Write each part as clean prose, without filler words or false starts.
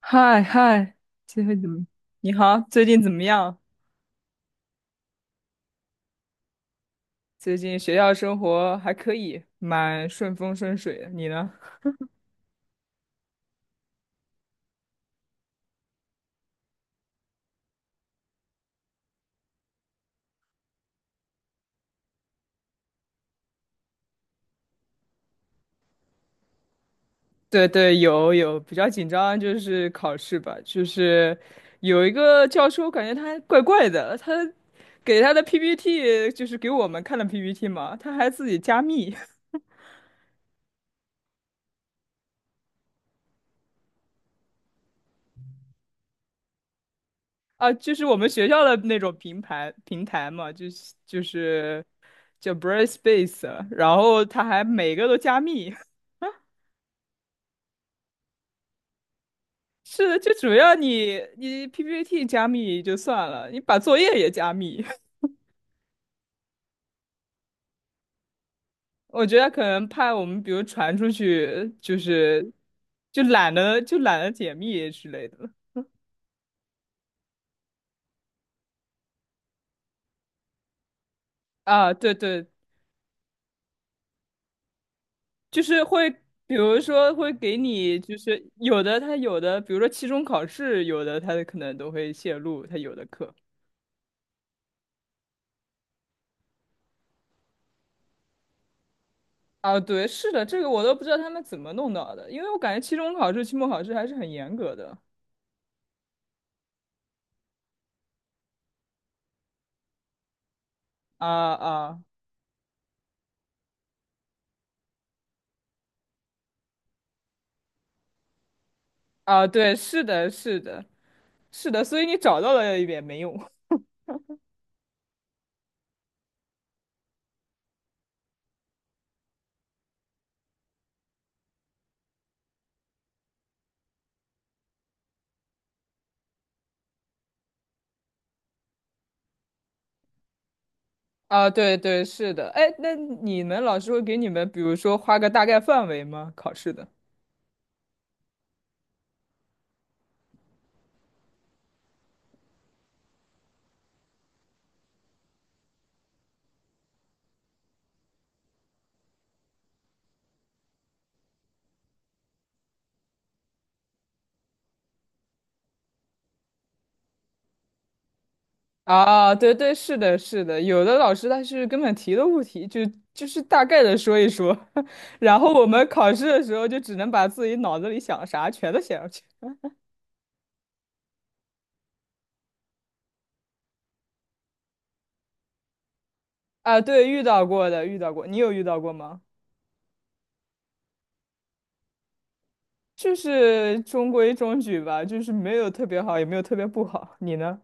嗨嗨，最近怎么？你好，最近怎么样？最近学校生活还可以，蛮顺风顺水的。你呢？对对，有，比较紧张就是考试吧，就是有一个教授，感觉他怪怪的，他给他的 PPT， 就是给我们看的 PPT 嘛，他还自己加密。 啊，就是我们学校的那种平台嘛，就是叫 Brightspace，然后他还每个都加密。是的，就主要你 PPT 加密就算了，你把作业也加密。我觉得可能怕我们，比如传出去，就是就懒得解密之类的。啊，对对，就是会，比如说会给你，就是有的，比如说期中考试，有的他可能都会泄露他有的课。啊，对，是的，这个我都不知道他们怎么弄到的，因为我感觉期中考试、期末考试还是很严格的。啊啊。啊！对，是的，是的。是的，所以你找到了也没用。啊，对对，是的。哎，那你们老师会给你们，比如说画个大概范围吗？考试的。啊，对对，是的，是的。有的老师他是根本提都不提，就就是大概的说一说。然后我们考试的时候就只能把自己脑子里想啥全都写上去。啊，对，遇到过的，遇到过。你有遇到过吗？就是中规中矩吧，就是没有特别好，也没有特别不好。你呢？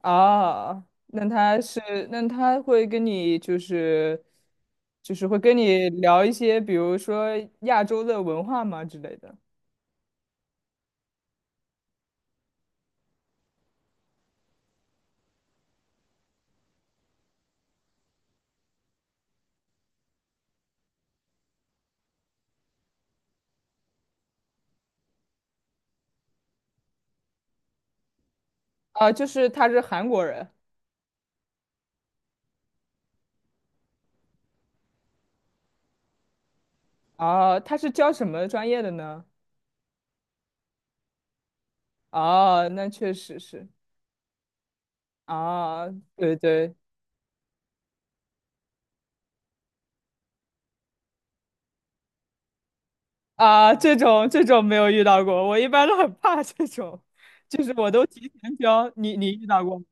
啊，那他是，那他会跟你就是，就是会跟你聊一些，比如说亚洲的文化嘛之类的。啊，就是他是韩国人。啊，他是教什么专业的呢？啊，那确实是。啊，对对。啊，这种这种没有遇到过，我一般都很怕这种，就是我都提前交，你你遇到过吗？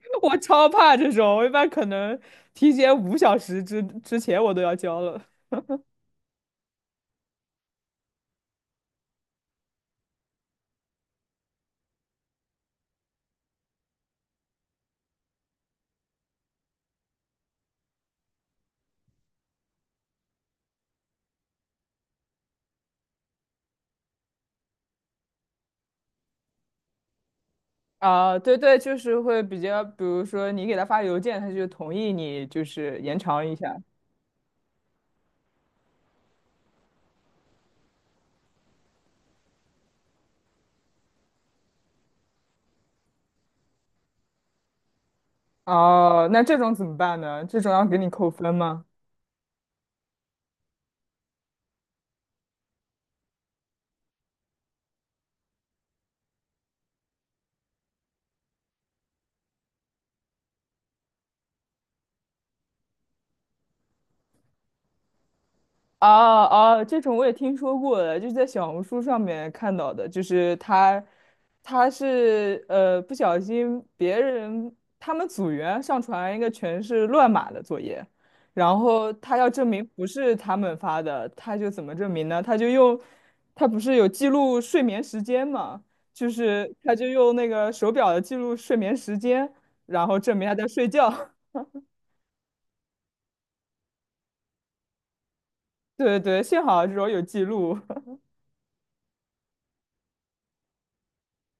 我超怕这种，我一般可能提前5小时之前我都要交了。啊，对对，就是会比较，比如说你给他发邮件，他就同意你，就是延长一下。哦，那这种怎么办呢？这种要给你扣分吗？啊啊，这种我也听说过的，就是在小红书上面看到的，就是他，他是不小心别人他们组员上传一个全是乱码的作业，然后他要证明不是他们发的，他就怎么证明呢？他就用，他不是有记录睡眠时间嘛，就是他就用那个手表的记录睡眠时间，然后证明他在睡觉。对对，幸好这种有记录。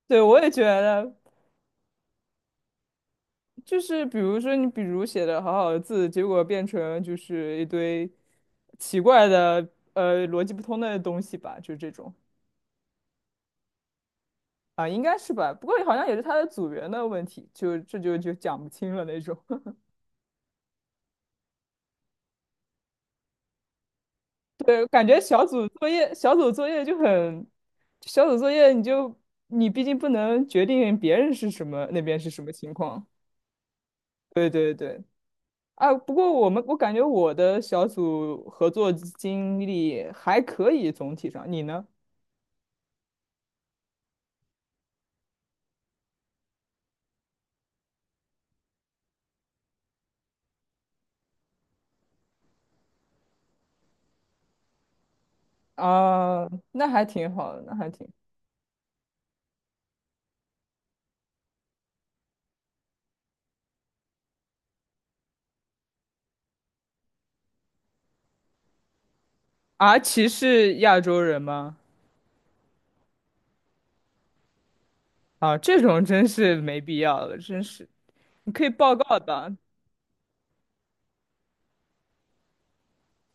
对，我也觉得。就是比如说你比如写的好好的字，结果变成就是一堆奇怪的逻辑不通的东西吧，就这种。啊，应该是吧？不过好像也是他的组员的问题，就这就讲不清了那种。对，感觉小组作业就很小组作业，你就你毕竟不能决定别人是什么那边是什么情况。对对对。啊，不过我感觉我的小组合作经历还可以，总体上，你呢？啊，那还挺好的，那还挺。阿奇是亚洲人吗？啊，这种真是没必要了，真是。你可以报告的。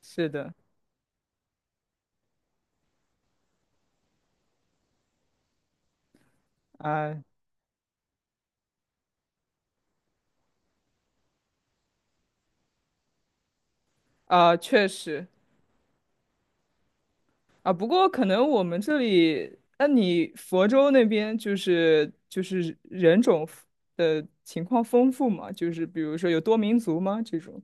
是的，啊啊，确实啊。不过可能我们这里，那你佛州那边就是人种的情况丰富吗？就是比如说有多民族吗？这种。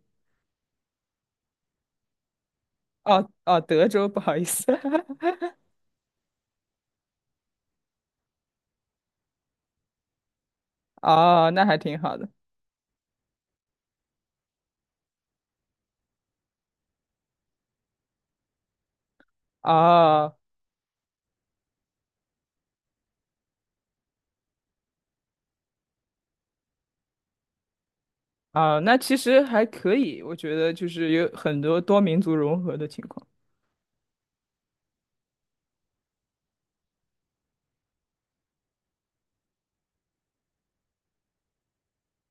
哦哦，德州，不好意思。哦，那还挺好的。哦。啊，那其实还可以，我觉得就是有很多多民族融合的情况。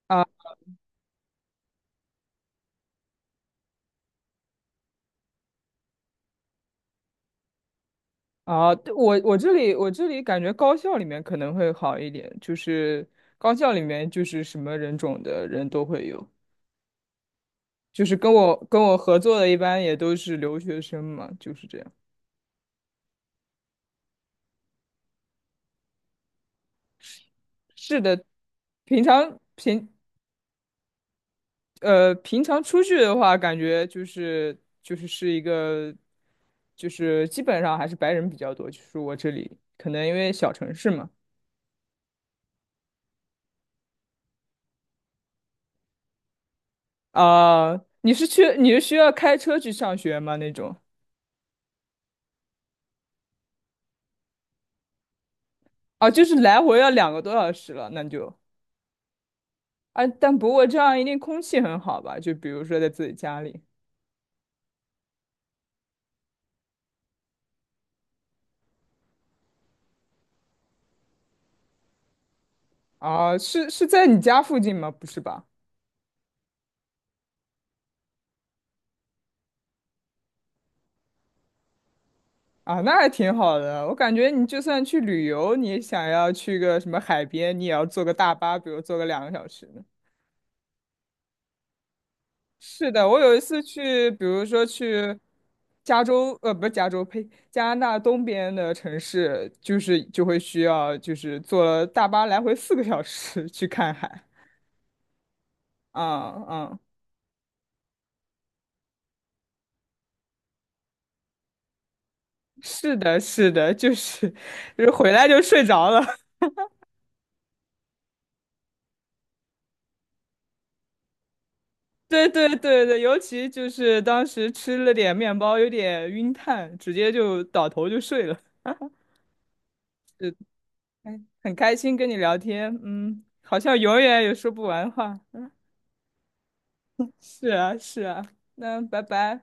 啊啊，对我这里我这里感觉高校里面可能会好一点，就是高校里面就是什么人种的人都会有，就是跟我合作的一般也都是留学生嘛，就是这样。是的，平常平平常出去的话，感觉就是就是是一个基本上还是白人比较多，就是我这里可能因为小城市嘛。啊、你是需要开车去上学吗？那种。啊，就是来回要2个多小时了，那就。啊，但不过这样一定空气很好吧？就比如说在自己家里。啊，是是在你家附近吗？不是吧？啊，那还挺好的。我感觉你就算去旅游，你想要去个什么海边，你也要坐个大巴，比如坐个2个小时。是的，我有一次去，比如说去加州，不是加州，呸，加拿大东边的城市，就是就会需要，就是坐大巴来回4个小时去看海。嗯嗯，是的，是的，就是。 就是回来就睡着了。对对对对，尤其就是当时吃了点面包，有点晕碳，直接就倒头就睡了。哎，很开心跟你聊天，嗯，好像永远也说不完话。是啊，是啊，那拜拜。